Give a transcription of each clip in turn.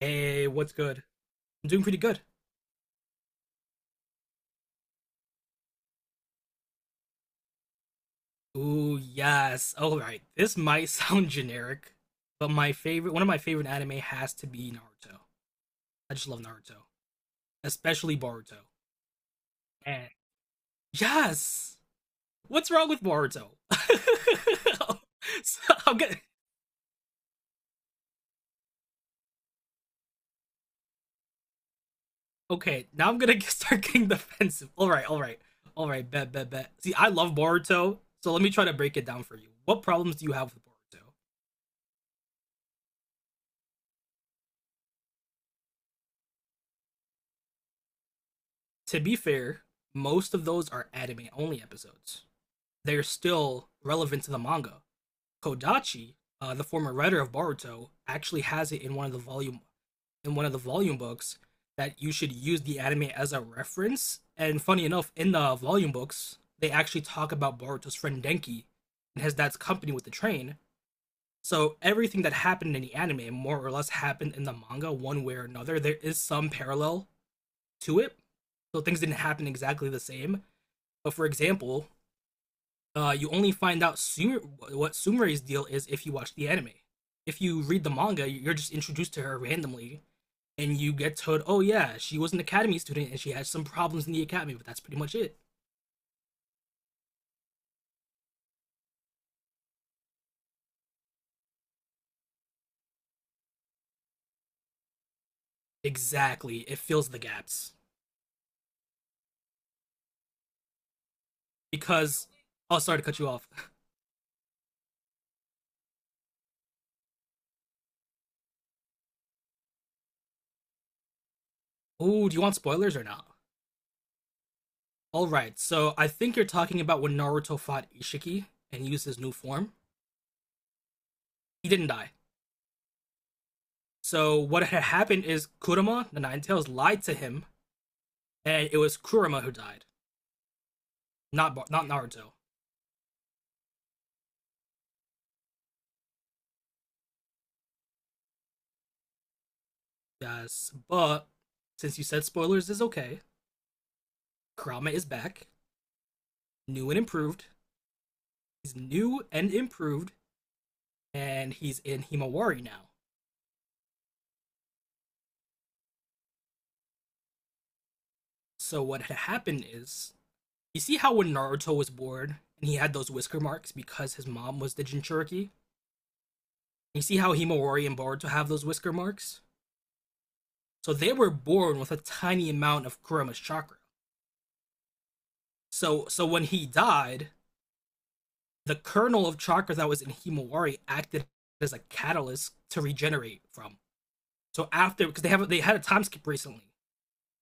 Hey, what's good? I'm doing pretty good. Ooh, yes. All right. This might sound generic, but my favorite, one of my favorite anime has to be Naruto. I just love Naruto, especially Boruto. And yes, what's wrong with Boruto? so I'm gonna, okay, now I'm gonna start getting defensive. All right, all right, all right. Bet, bet, bet. See, I love Boruto, so let me try to break it down for you. What problems do you have with Boruto? To be fair, most of those are anime only episodes. They're still relevant to the manga. Kodachi, the former writer of Boruto, actually has it in one of the volume in one of the volume books that you should use the anime as a reference. And funny enough, in the volume books, they actually talk about Boruto's friend Denki and his dad's company with the train. So everything that happened in the anime more or less happened in the manga one way or another. There is some parallel to it. So things didn't happen exactly the same. But for example, you only find out Sumer, what Sumere's deal is if you watch the anime. If you read the manga, you're just introduced to her randomly, and you get told, "Oh yeah, she was an academy student and she had some problems in the academy," but that's pretty much it. Exactly, it fills the gaps because. Oh, sorry to cut you off. Oh, do you want spoilers or not? All right, so I think you're talking about when Naruto fought Ishiki and used his new form. He didn't die. So what had happened is Kurama, the Nine Tails, lied to him, and it was Kurama who died. Not Bar- not Naruto. Yes, but since you said spoilers is okay, Kurama is back, new and improved. He's new and improved, and he's in Himawari now. So what had happened is, you see how when Naruto was born and he had those whisker marks because his mom was the Jinchuriki. You see how Himawari and Boruto have those whisker marks. So they were born with a tiny amount of Kurama's chakra. So when he died, the kernel of chakra that was in Himawari acted as a catalyst to regenerate from. So after, because they had a time skip recently.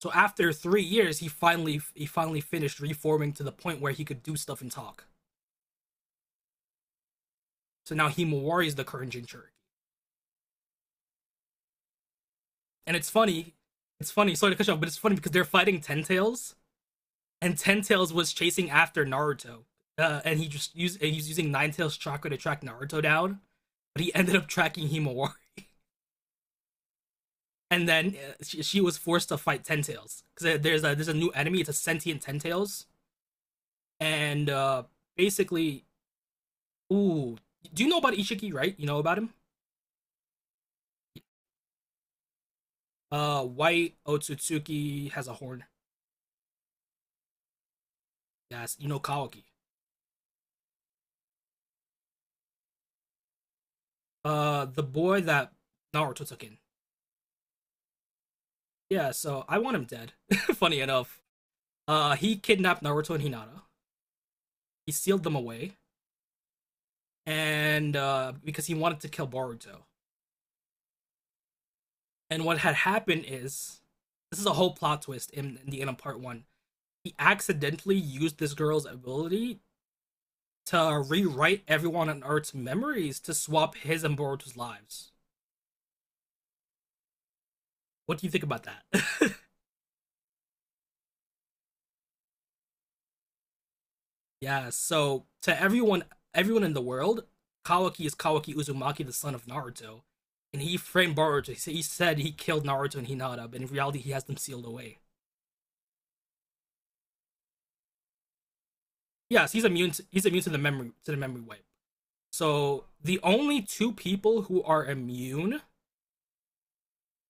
So after 3 years, he finally finished reforming to the point where he could do stuff and talk. So now Himawari is the current Jinchuriki. And it's funny, it's funny. Sorry to cut you off, but it's funny because they're fighting Ten Tails, and Ten Tails was chasing after Naruto, and he just used he's using Nine Tails chakra to track Naruto down, but he ended up tracking Himawari. And then she was forced to fight Ten Tails because there's a new enemy. It's a sentient Ten Tails, and basically, ooh, do you know about Ishiki? Right, you know about him. White Otsutsuki has a horn. Yes, you know Kawaki. The boy that Naruto took in. Yeah, so I want him dead. Funny enough, he kidnapped Naruto and Hinata. He sealed them away, and because he wanted to kill Boruto. And what had happened is, this is a whole plot twist in the end of part one, he accidentally used this girl's ability to rewrite everyone on Earth's memories to swap his and Boruto's lives. What do you think about that? Yeah, so to everyone, everyone in the world, Kawaki is Kawaki Uzumaki, the son of Naruto. And he framed Boruto. He said he killed Naruto and Hinata, but in reality, he has them sealed away. Yes, he's immune. To, he's immune to the memory wipe. So the only two people who are immune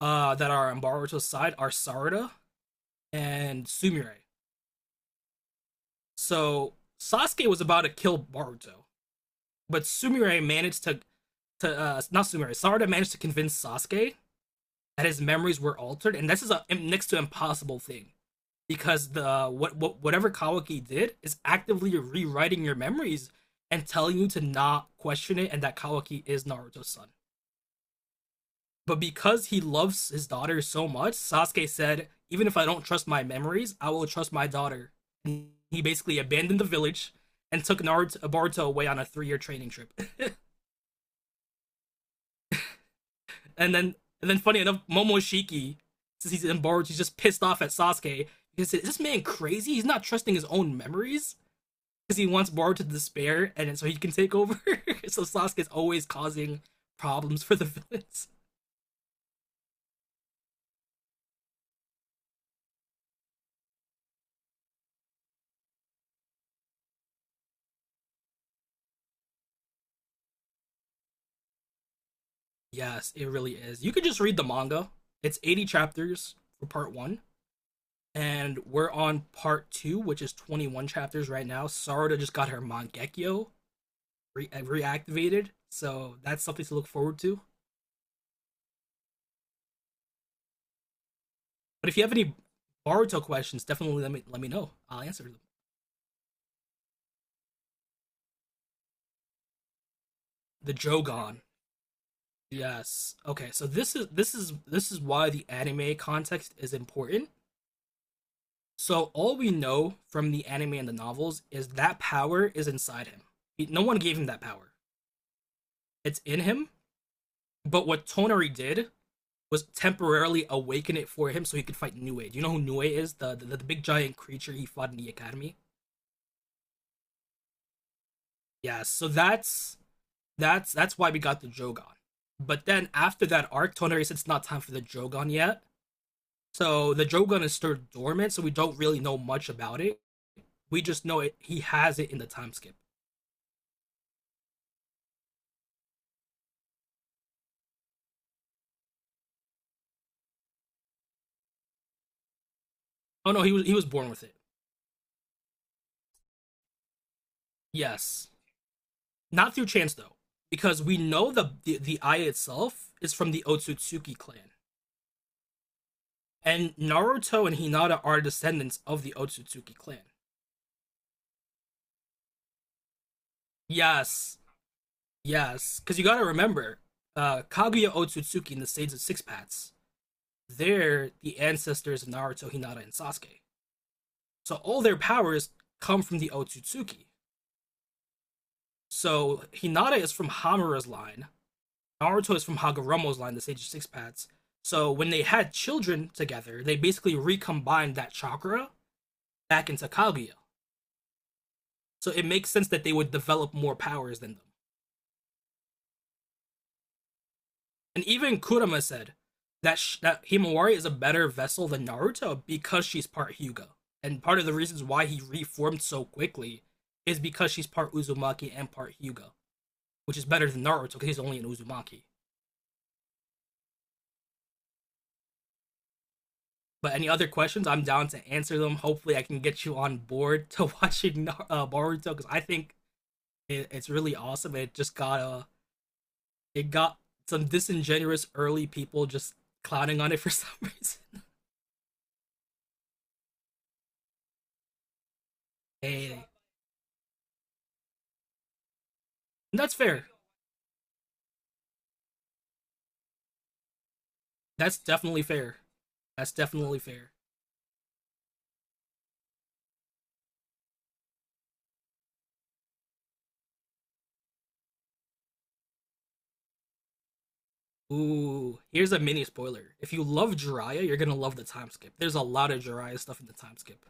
that are on Boruto's side are Sarada and Sumire. So Sasuke was about to kill Baruto, but Sumire managed to not Sumire. Sarada managed to convince Sasuke that his memories were altered, and this is a next to impossible thing because what whatever Kawaki did is actively rewriting your memories and telling you to not question it, and that Kawaki is Naruto's son. But because he loves his daughter so much, Sasuke said, Even if I don't trust my memories, I will trust my daughter. And he basically abandoned the village and took Naruto, Boruto away on a 3 year training trip. And then, and then funny enough, Momoshiki, since he's in Boruto, he's just pissed off at Sasuke. He said, Is this man crazy? He's not trusting his own memories because he wants Boruto to despair and so he can take over. So Sasuke's always causing problems for the villains. Yes, it really is. You could just read the manga. It's 80 chapters for part one, and we're on part two, which is 21 chapters right now. Sarada just got her Mangekyo re- reactivated, so that's something to look forward to. But if you have any Boruto questions, definitely let me know. I'll answer them. The Jogan. Yes. Okay. So this is this is why the anime context is important. So all we know from the anime and the novels is that power is inside him. No one gave him that power. It's in him. But what Tonari did was temporarily awaken it for him so he could fight Nue. Do you know who Nue is? The big giant creature he fought in the academy. Yeah, so that's why we got the Jogan. But then after that arc, Tonari said it's not time for the Jogan yet. So the Jogan is still dormant, so we don't really know much about it. We just know it he has it in the time skip. Oh no, he was born with it. Yes. Not through chance though. Because we know the eye itself is from the Otsutsuki clan. And Naruto and Hinata are descendants of the Otsutsuki clan. Yes, yes. Because you gotta remember, Kaguya Otsutsuki and the Sage of Six Paths, they're the ancestors of Naruto, Hinata, and Sasuke. So all their powers come from the Otsutsuki. So Hinata is from Hamura's line, Naruto is from Hagoromo's line, the Sage of Six Paths. So when they had children together, they basically recombined that chakra back into Kaguya. So it makes sense that they would develop more powers than them. And even Kurama said that sh- that Himawari is a better vessel than Naruto because she's part Hyuga. And part of the reasons why he reformed so quickly is because she's part Uzumaki and part Hyuga, which is better than Naruto because he's only an Uzumaki. But any other questions, I'm down to answer them. Hopefully, I can get you on board to watching Boruto because I think it's really awesome. It just got it got some disingenuous early people just clowning on it for some reason. Hey, that's fair. That's definitely fair. That's definitely fair. Ooh, here's a mini spoiler. If you love Jiraiya, you're gonna love the time skip. There's a lot of Jiraiya stuff in the time skip.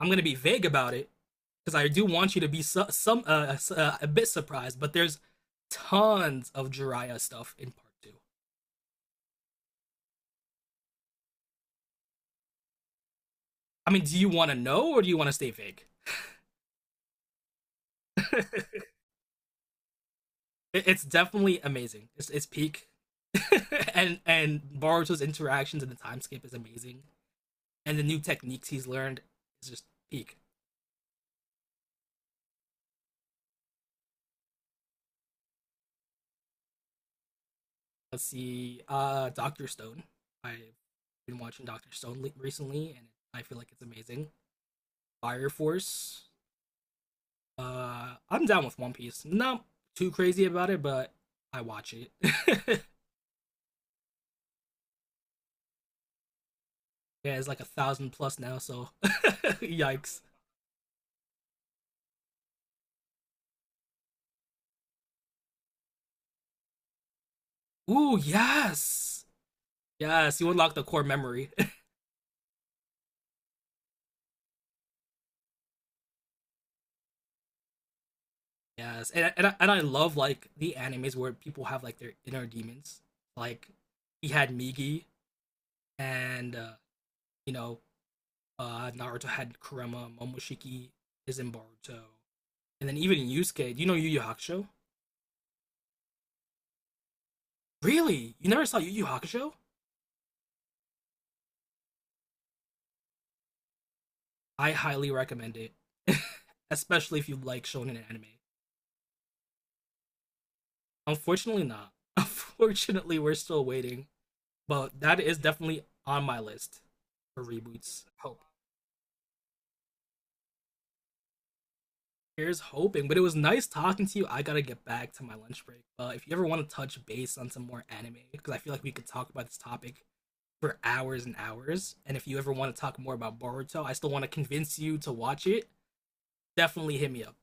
I'm gonna be vague about it because I do want you to be su- some a bit surprised. But there's tons of Jiraiya stuff in part two. I mean, do you want to know or do you want to stay vague? It's definitely amazing. It's peak, and Boruto's interactions in the time skip is amazing, and the new techniques he's learned is just peak. Let's see. Doctor Stone. I've been watching Doctor Stone recently, and I feel like it's amazing. Fire Force. I'm down with One Piece. Not too crazy about it, but I watch it. Yeah, it's like a thousand plus now. So, yikes. Ooh, yes, yes. You unlock the core memory. Yes, and I love like the animes where people have like their inner demons. Like he had Migi, and you know Naruto had Kurama, Momoshiki is in Boruto, and then even in Yusuke. Do you know Yu Yu Hakusho? Really? You never saw Yu Yu Hakusho? I highly recommend it, especially if you like shonen anime. Unfortunately, not. Unfortunately, we're still waiting, but that is definitely on my list for reboots. Hope. Here's hoping, but it was nice talking to you. I gotta get back to my lunch break. If you ever want to touch base on some more anime, because I feel like we could talk about this topic for hours and hours. And if you ever want to talk more about Boruto, I still want to convince you to watch it. Definitely hit me up.